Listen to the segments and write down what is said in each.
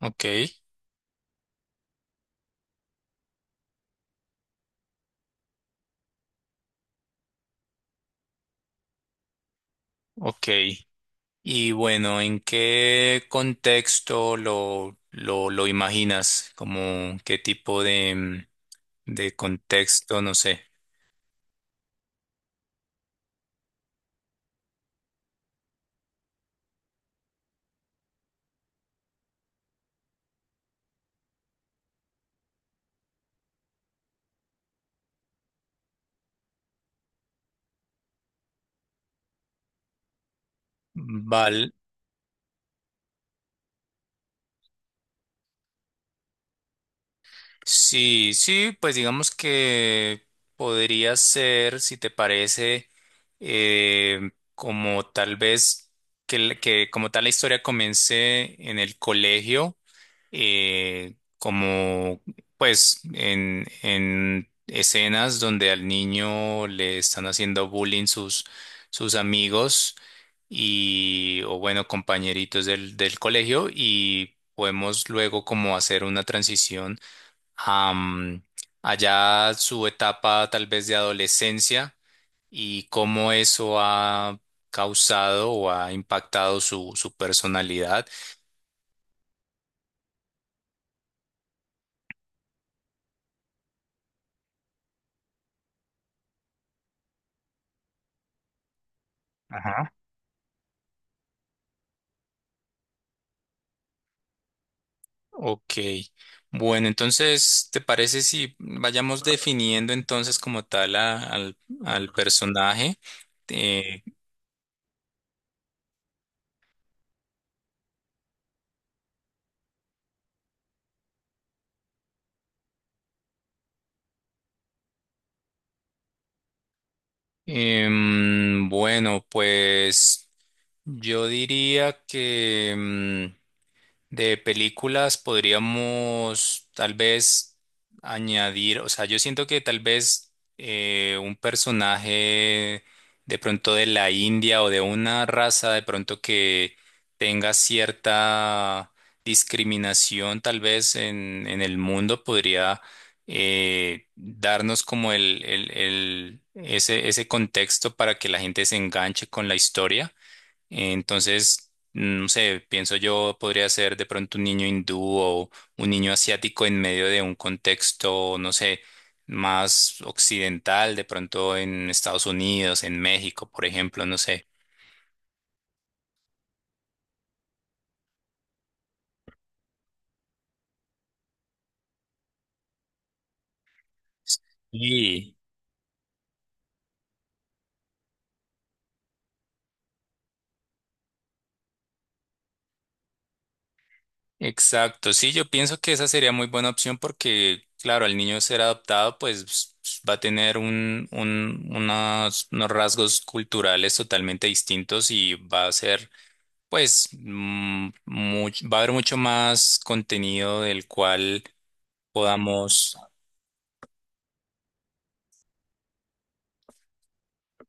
Ok, ok. Y bueno, ¿en qué contexto lo imaginas? ¿Como qué tipo de, de contexto? No sé. Vale. Sí, sí, pues digamos que podría ser, si te parece, como tal vez que, que como tal la historia comience en el colegio, como pues en escenas donde al niño le están haciendo bullying sus, sus amigos y o bueno compañeritos del, del colegio, y podemos luego como hacer una transición a, allá su etapa tal vez de adolescencia y cómo eso ha causado o ha impactado su, su personalidad. Ok, bueno, entonces, ¿te parece si vayamos definiendo entonces como tal al personaje? Eh, bueno, pues yo diría que... De películas podríamos tal vez añadir, o sea, yo siento que tal vez un personaje de pronto de la India o de una raza de pronto que tenga cierta discriminación tal vez en el mundo, podría darnos como ese, ese contexto para que la gente se enganche con la historia. Entonces, no sé, pienso yo podría ser de pronto un niño hindú o un niño asiático en medio de un contexto, no sé, más occidental, de pronto en Estados Unidos, en México, por ejemplo, no sé. Sí, exacto. Sí, yo pienso que esa sería muy buena opción porque, claro, al niño ser adoptado, pues va a tener unos rasgos culturales totalmente distintos y va a ser... Pues va a haber mucho más contenido del cual podamos,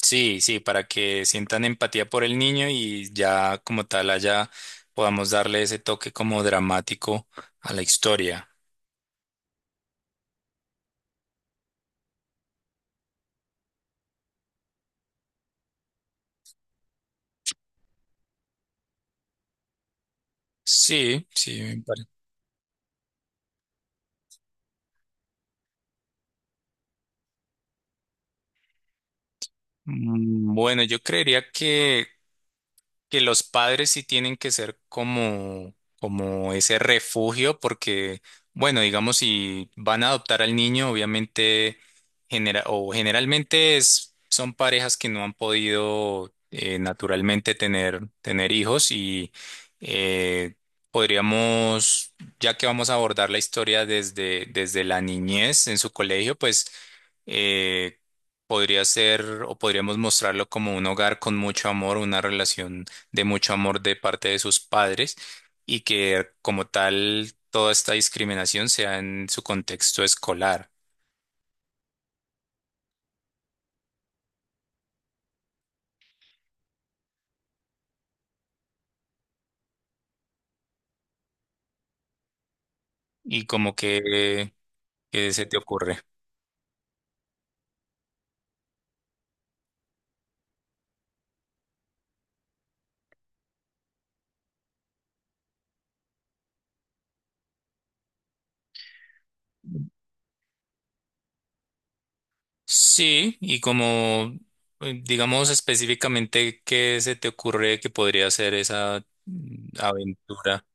sí, sí, para que sientan empatía por el niño y ya como tal allá podamos darle ese toque como dramático a la historia. Sí, sí, bueno, yo creería que los padres sí tienen que ser como, como ese refugio, porque, bueno, digamos, si van a adoptar al niño, obviamente, o generalmente es, son parejas que no han podido naturalmente tener, tener hijos y eh, podríamos, ya que vamos a abordar la historia desde, desde la niñez en su colegio, pues... eh, podría ser, o podríamos mostrarlo como un hogar con mucho amor, una relación de mucho amor de parte de sus padres, y que como tal toda esta discriminación sea en su contexto escolar. Y como que, ¿qué se te ocurre? Sí, y como digamos específicamente qué se te ocurre que podría ser esa aventura.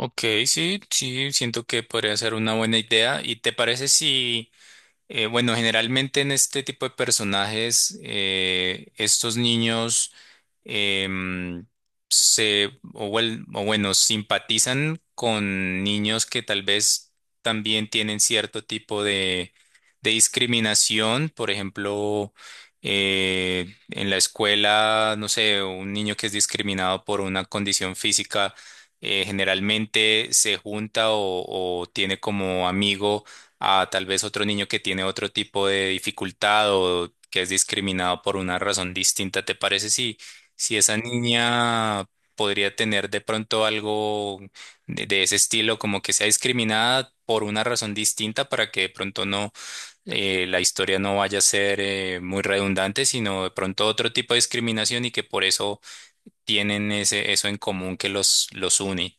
Ok, sí, sí, siento que podría ser una buena idea. ¿Y te parece si... bueno, generalmente en este tipo de personajes, estos niños em, se, o, o bueno, simpatizan con niños que tal vez también tienen cierto tipo de discriminación. Por ejemplo, en la escuela, no sé, un niño que es discriminado por una condición física, generalmente se junta o tiene como amigo a tal vez otro niño que tiene otro tipo de dificultad o que es discriminado por una razón distinta. ¿Te parece si, si esa niña podría tener de pronto algo de ese estilo, como que sea discriminada por una razón distinta para que de pronto no la historia no vaya a ser muy redundante, sino de pronto otro tipo de discriminación, y que por eso tienen ese, eso en común que los une?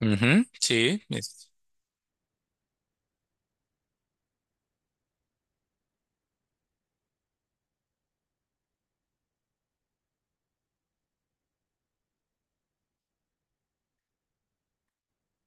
Ujú, sí.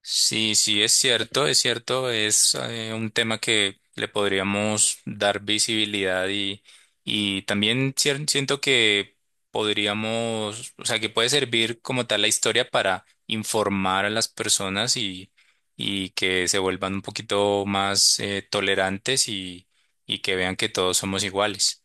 Sí, sí, es cierto, es cierto, es un tema que le podríamos dar visibilidad, y también siento que podríamos, o sea, que puede servir como tal la historia para informar a las personas, y que se vuelvan un poquito más tolerantes, y que vean que todos somos iguales.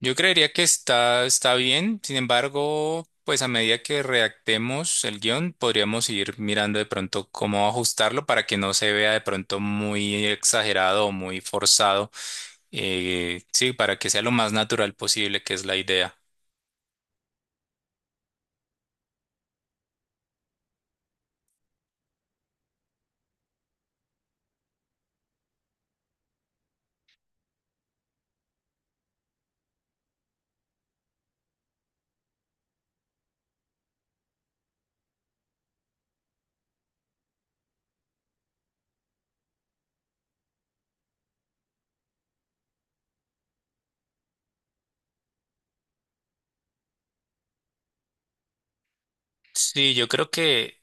Yo creería que está, está bien, sin embargo, pues a medida que redactemos el guión, podríamos ir mirando de pronto cómo ajustarlo para que no se vea de pronto muy exagerado o muy forzado. Sí, para que sea lo más natural posible, que es la idea. Sí, yo creo que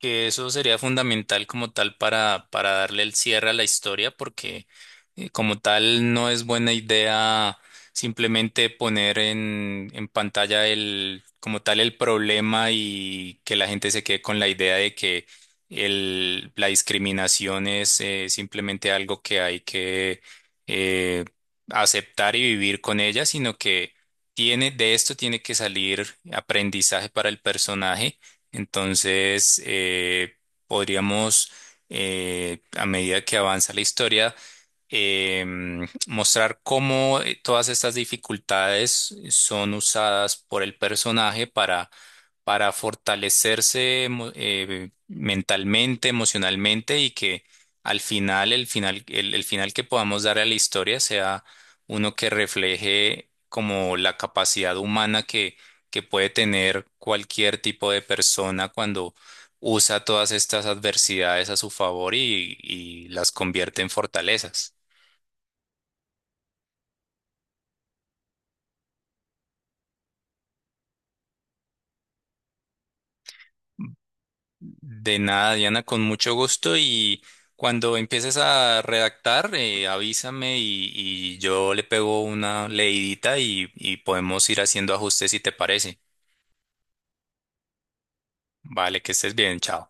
eso sería fundamental como tal para darle el cierre a la historia, porque como tal no es buena idea simplemente poner en pantalla el, como tal el problema, y que la gente se quede con la idea de que el, la discriminación es simplemente algo que hay que eh, aceptar y vivir con ella, sino que tiene, de esto tiene que salir aprendizaje para el personaje. Entonces, podríamos, a medida que avanza la historia, mostrar cómo todas estas dificultades son usadas por el personaje para fortalecerse mentalmente, emocionalmente, y que al final, el final, el final que podamos dar a la historia sea uno que refleje como la capacidad humana que puede tener cualquier tipo de persona cuando usa todas estas adversidades a su favor y las convierte en fortalezas. De nada, Diana, con mucho gusto, y cuando empieces a redactar, avísame, y yo le pego una leidita y podemos ir haciendo ajustes si te parece. Vale, que estés bien, chao.